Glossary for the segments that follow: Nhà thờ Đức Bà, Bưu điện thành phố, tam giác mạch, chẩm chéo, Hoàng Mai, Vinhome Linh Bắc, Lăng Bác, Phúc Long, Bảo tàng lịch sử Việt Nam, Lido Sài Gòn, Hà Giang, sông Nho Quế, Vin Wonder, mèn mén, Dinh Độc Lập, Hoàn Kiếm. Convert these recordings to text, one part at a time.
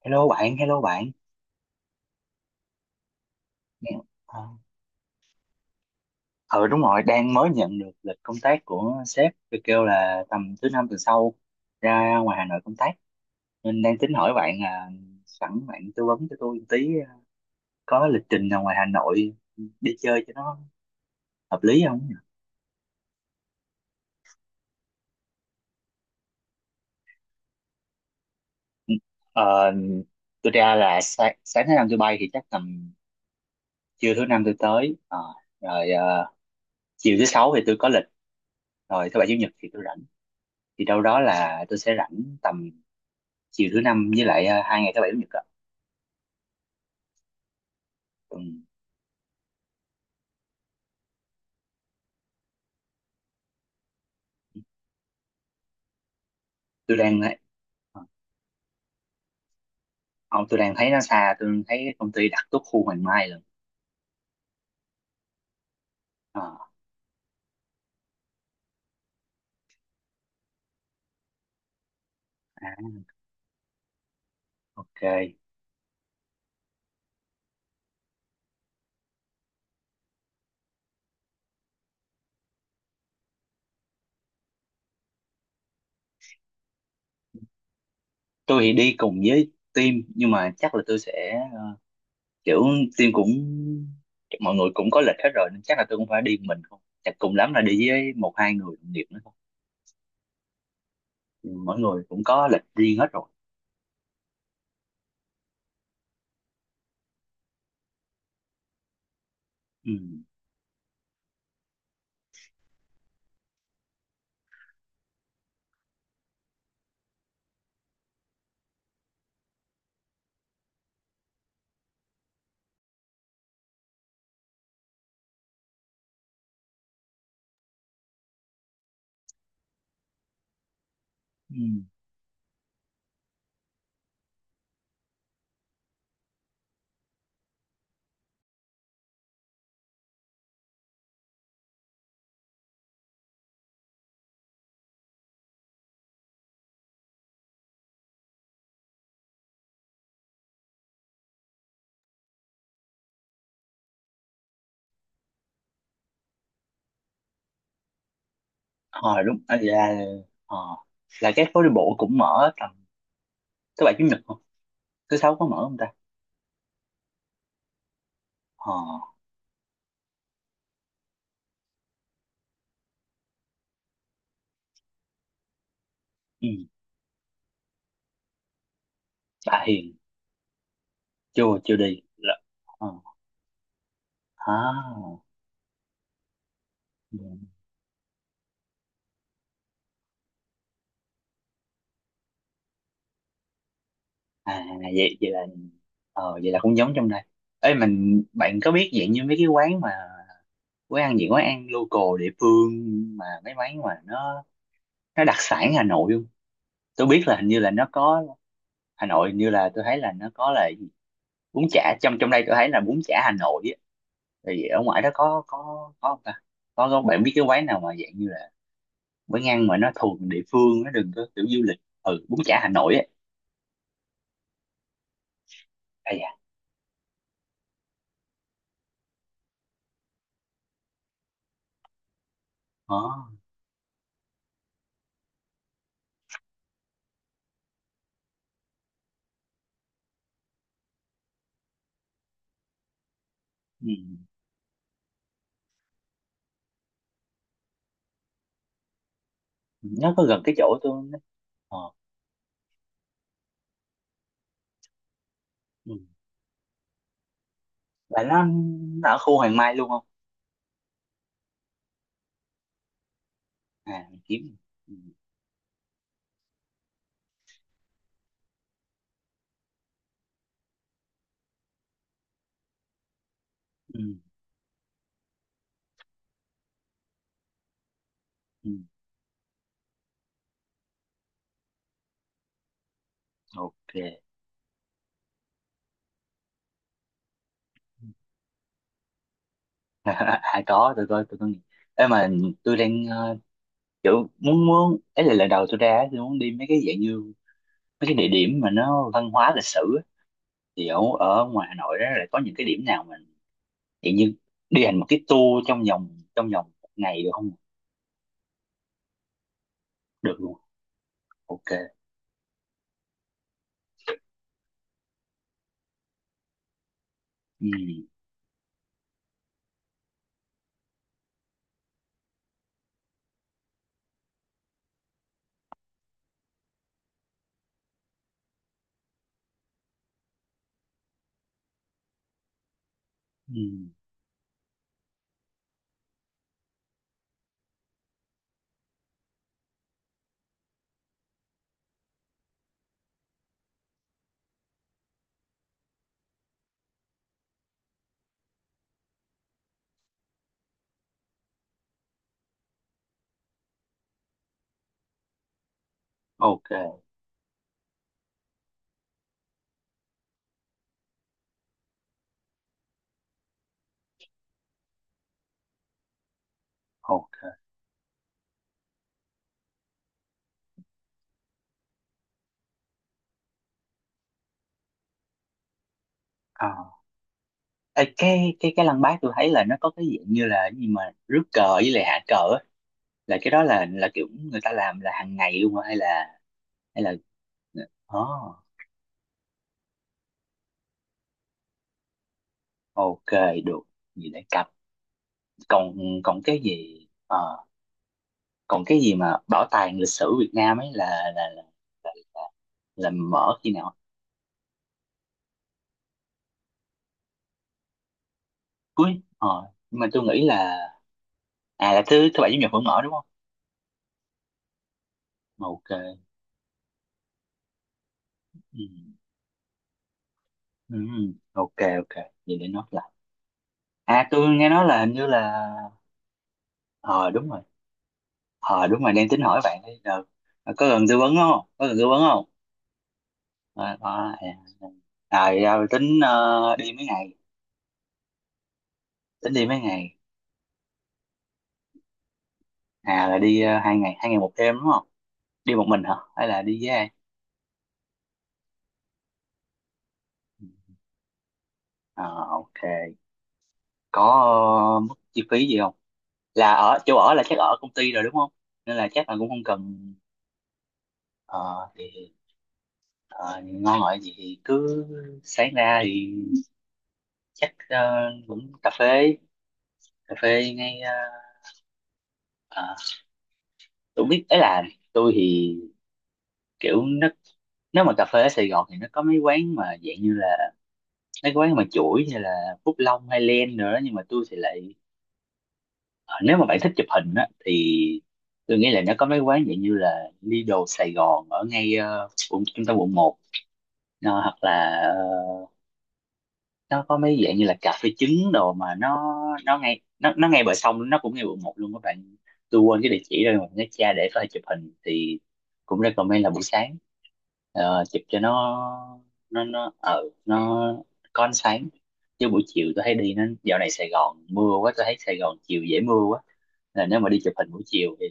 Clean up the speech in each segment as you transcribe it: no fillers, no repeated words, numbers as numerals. Hello bạn, hello bạn. Ờ, ừ, đúng rồi, đang mới nhận được lịch công tác của sếp, tôi kêu là tầm thứ năm tuần sau ra ngoài Hà Nội công tác. Nên đang tính hỏi bạn là sẵn bạn tư vấn cho tôi một tí, có lịch trình nào ngoài Hà Nội đi chơi cho nó hợp lý không? Ờ, tôi ra là sáng thứ năm tôi bay thì chắc tầm trưa thứ năm tôi tới. Ờ, rồi ờ, Chiều thứ sáu thì tôi có lịch, rồi thứ bảy chủ nhật thì tôi rảnh. Thì đâu đó là tôi sẽ rảnh tầm chiều thứ năm với lại hai ngày thứ bảy chủ nhật ạ. Ừ, tôi đang ấy, ờ, ông tôi đang thấy nó xa, tôi thấy công ty đặt tốt khu Hoàng Mai lần. Ờ, à, ok. Tôi thì đi cùng với team nhưng mà chắc là tôi sẽ, kiểu team cũng, mọi người cũng có lịch hết rồi nên chắc là tôi cũng phải đi một mình, không chắc cùng lắm là đi với một hai người đồng nghiệp nữa thôi. Ừ, mỗi người cũng có lịch riêng hết rồi. Ừ. Ừ. Ờ, đúng à, là ờ, là cái phố đi bộ cũng mở tầm thứ bảy chủ nhật không, thứ sáu có mở không ta? Ờ. Ừ. Bà Hiền chưa chưa đi là ờ, à, à vậy vậy là, vậy là cũng giống trong đây ấy mình. Bạn có biết dạng như mấy cái quán mà quán ăn, những quán ăn local địa phương, mà mấy quán mà nó đặc sản Hà Nội không? Tôi biết là hình như là nó có Hà Nội, hình như là tôi thấy là nó có là cái gì? Bún chả, trong trong đây tôi thấy là bún chả Hà Nội á, thì ở ngoài đó có có không ta? Có bạn biết cái quán nào mà dạng như là quán ăn mà nó thuộc địa phương, nó đừng có kiểu du lịch, ừ, bún chả Hà Nội á. Ờ, ừ. Nó có gần cái chỗ tôi đó. Ờ, ừ. Là nó ở khu Hoàng Mai luôn không? À, Hoàn Kiếm. Ừ. Ừ. Ừ. Ok. À có, tôi coi, tôi có nghe. Ê mà tôi đang, kiểu muốn muốn ấy là lần đầu tôi ra á, tôi muốn đi mấy cái dạng như mấy cái địa điểm mà nó văn hóa lịch sử á. Thì ở ở ngoài Hà Nội đó là có những cái điểm nào mà dạng như đi hành một cái tour trong vòng một ngày được không? Được luôn. Ok. Ừ. Ừ. Ok. Ok. Ờ. Ê, cái lăng Bác tôi thấy là nó có cái dạng như là cái gì mà rước cờ với lại hạ cờ á, là cái đó là kiểu người ta làm là hàng ngày luôn hả? Hay là hay là oh, ok, được, gì để cặp. Còn còn cái gì còn cái gì mà bảo tàng lịch sử Việt Nam ấy, là là, là, là mở khi nào? Cuối ờ, nhưng mà tôi nghĩ là à là thứ thứ bảy chủ nhật vẫn mở đúng không? Ok. Ừ. Ừ. Ok, ok vậy để nó. À tôi nghe nói là hình như là ờ đúng rồi, ờ đúng rồi đang tính hỏi bạn đây. Ờ, ờ, có cần tư vấn không, có cần tư vấn không? Ờ, ờ, à, dạ, tính đi mấy ngày, tính đi mấy ngày? À là đi hai ngày, hai ngày một đêm đúng không? Đi một mình hả hay là đi với ai? Ừ. Ờ, ok. Có mức chi phí gì không, là ở chỗ ở là chắc ở công ty rồi đúng không, nên là chắc là cũng không cần. Ờ, thì ngon ngọt gì thì cứ sáng ra thì chắc, cũng cà phê, cà phê ngay, ờ, tôi biết ấy là, tôi thì kiểu nó, nếu mà cà phê ở Sài Gòn thì nó có mấy quán mà dạng như là mấy quán mà chuỗi như là Phúc Long hay Len nữa. Nhưng mà tôi thì lại, ờ, nếu mà bạn thích chụp hình á thì tôi nghĩ là nó có mấy quán dạng như là Lido Sài Gòn ở ngay, quận- trung tâm quận một, Hoặc là nó có mấy dạng như là cà phê trứng đồ mà nó, nó ngay bờ sông, nó cũng ngay quận một luôn các bạn. Tôi quên cái địa chỉ rồi mà nhớ cha để phải chụp hình thì cũng recommend là buổi sáng. Ờ, chụp cho nó, nó ở nó có ánh sáng. Chứ buổi chiều tôi thấy đi nó dạo này Sài Gòn mưa quá, tôi thấy Sài Gòn chiều dễ mưa quá, là nếu mà đi chụp hình buổi chiều thì.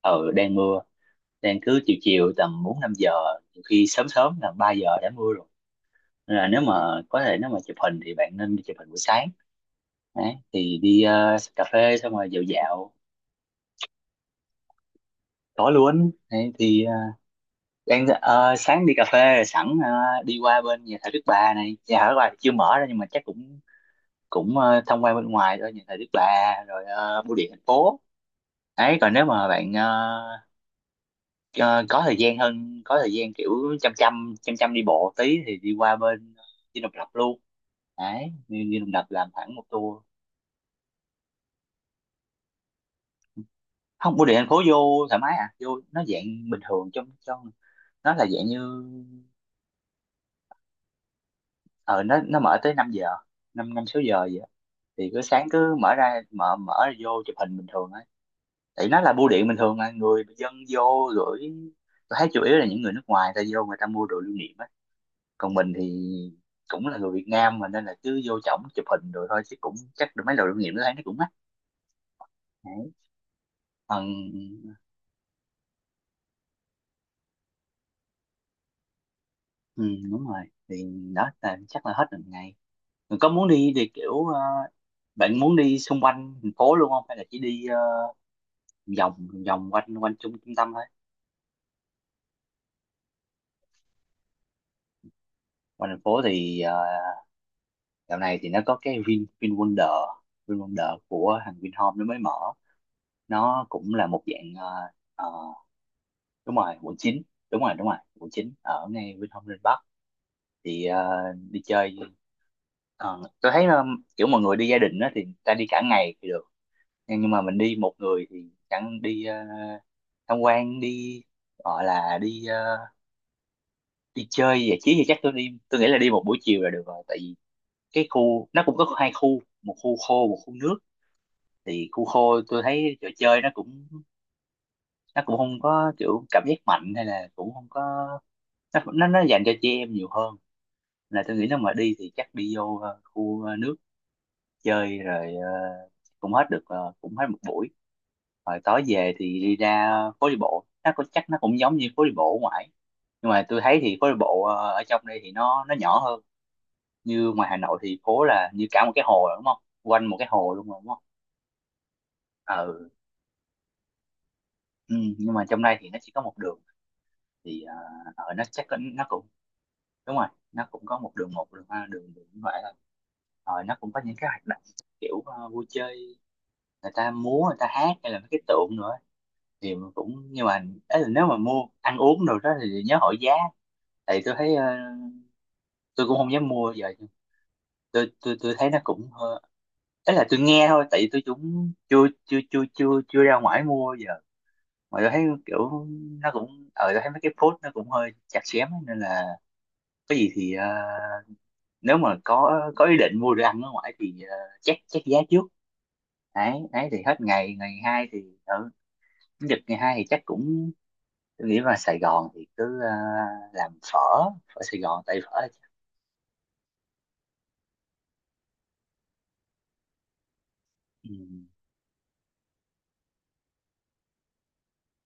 Ở đang mưa, đang cứ chiều chiều tầm bốn năm giờ, nhiều khi sớm sớm là ba giờ đã mưa rồi. Nên là nếu mà có thể nếu mà chụp hình thì bạn nên đi chụp hình buổi sáng. Đấy, thì đi cà phê xong rồi dạo dạo tối luôn đấy, thì sáng đi cà phê rồi sẵn, đi qua bên nhà thờ Đức Bà này, nhà thờ Đức Bà thì chưa mở ra nhưng mà chắc cũng cũng, thông qua bên ngoài thôi nhà thờ Đức Bà, rồi bưu điện thành phố. Đấy còn nếu mà bạn, ờ, có thời gian hơn, có thời gian kiểu chăm chăm đi bộ tí thì đi qua bên Dinh Độc Lập luôn, đấy đi Dinh Độc Lập làm khoảng một tour. Không bưu điện thành phố vô thoải mái à, vô nó dạng bình thường trong trong nó là dạng như. Ờ nó mở tới 5 giờ, năm năm sáu giờ vậy á. Thì cứ sáng cứ mở ra mở mở ra vô chụp hình bình thường ấy. Tại nó là bưu điện bình thường mà người dân vô gửi, tôi thấy chủ yếu là những người nước ngoài ta vô người ta mua đồ lưu niệm ấy. Còn mình thì cũng là người Việt Nam mà nên là cứ vô trỏng chụp hình rồi thôi, chứ cũng chắc được mấy đồ lưu niệm đó thấy nó cũng mắc. Đấy. Còn- ừ, đúng rồi thì đó là chắc là hết một ngày. Có muốn đi thì kiểu, bạn muốn đi xung quanh thành phố luôn không hay là chỉ đi, vòng vòng quanh quanh trung trung tâm thôi? Quanh thành phố thì dạo này thì nó có cái Vin Vin Wonder, Vin Wonder của thằng Vinhome nó mới mở, nó cũng là một dạng ờ, đúng rồi quận 9, đúng rồi quận 9 ở ngay Vinhome Linh Bắc. Thì đi chơi. Ờ, tôi thấy kiểu mọi người đi gia đình á thì ta đi cả ngày thì được, nhưng mà mình đi một người thì chẳng đi tham quan đi gọi là đi đi chơi giải trí thì chắc tôi đi, tôi nghĩ là đi một buổi chiều là được rồi. Tại vì cái khu nó cũng có hai khu, một khu khô một khu nước, thì khu khô tôi thấy trò chơi nó cũng, nó cũng không có kiểu cảm giác mạnh hay là cũng không có, nó dành cho chị em nhiều hơn. Là tôi nghĩ nếu mà đi thì chắc đi vô khu nước, chơi rồi cũng hết được cũng hết một buổi. Rồi tối về thì đi ra phố đi bộ, nó có chắc nó cũng giống như phố đi bộ ở ngoài nhưng mà tôi thấy thì phố đi bộ ở trong đây thì nó nhỏ hơn. Như ngoài Hà Nội thì phố là như cả một cái hồ rồi, đúng không, quanh một cái hồ luôn rồi, đúng không? Ừ. Ừ nhưng mà trong đây thì nó chỉ có một đường thì nó chắc có- nó cũng đúng rồi nó cũng có một đường, một đường hai đường đường như vậy thôi. Rồi nó cũng có những cái hoạt động kiểu vui chơi, người ta múa người ta hát hay là mấy cái tượng nữa thì cũng nhưng mà, ấy là nếu mà mua ăn uống rồi đó thì nhớ hỏi giá. Tại tôi thấy tôi cũng không dám mua giờ, tôi thấy nó cũng hơi, ấy là tôi nghe thôi tại tôi cũng chưa chưa chưa chưa chưa ra ngoài mua giờ. Mà tôi thấy kiểu nó cũng ờ tôi thấy mấy cái post nó cũng hơi chặt chém ấy, nên là có gì thì, nếu mà có ý định mua đồ ăn ở ngoài thì check check giá trước. Đấy đấy thì hết ngày, ngày hai thì ở chủ nhật ngày hai thì chắc cũng tôi nghĩ là Sài Gòn thì cứ làm phở, phở Sài Gòn tại phở. Ừ.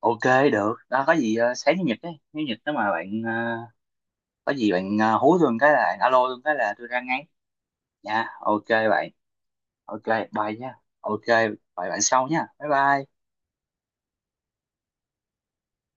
Ok được đó, có gì sáng chủ nhật đấy nếu nhật nếu mà bạn, có gì bạn hú tôi một cái là alo tôi một cái là tôi ra ngay nha. Ok bạn. Ok. Bye nha. Ok. Bye bạn sau nha, bye bye.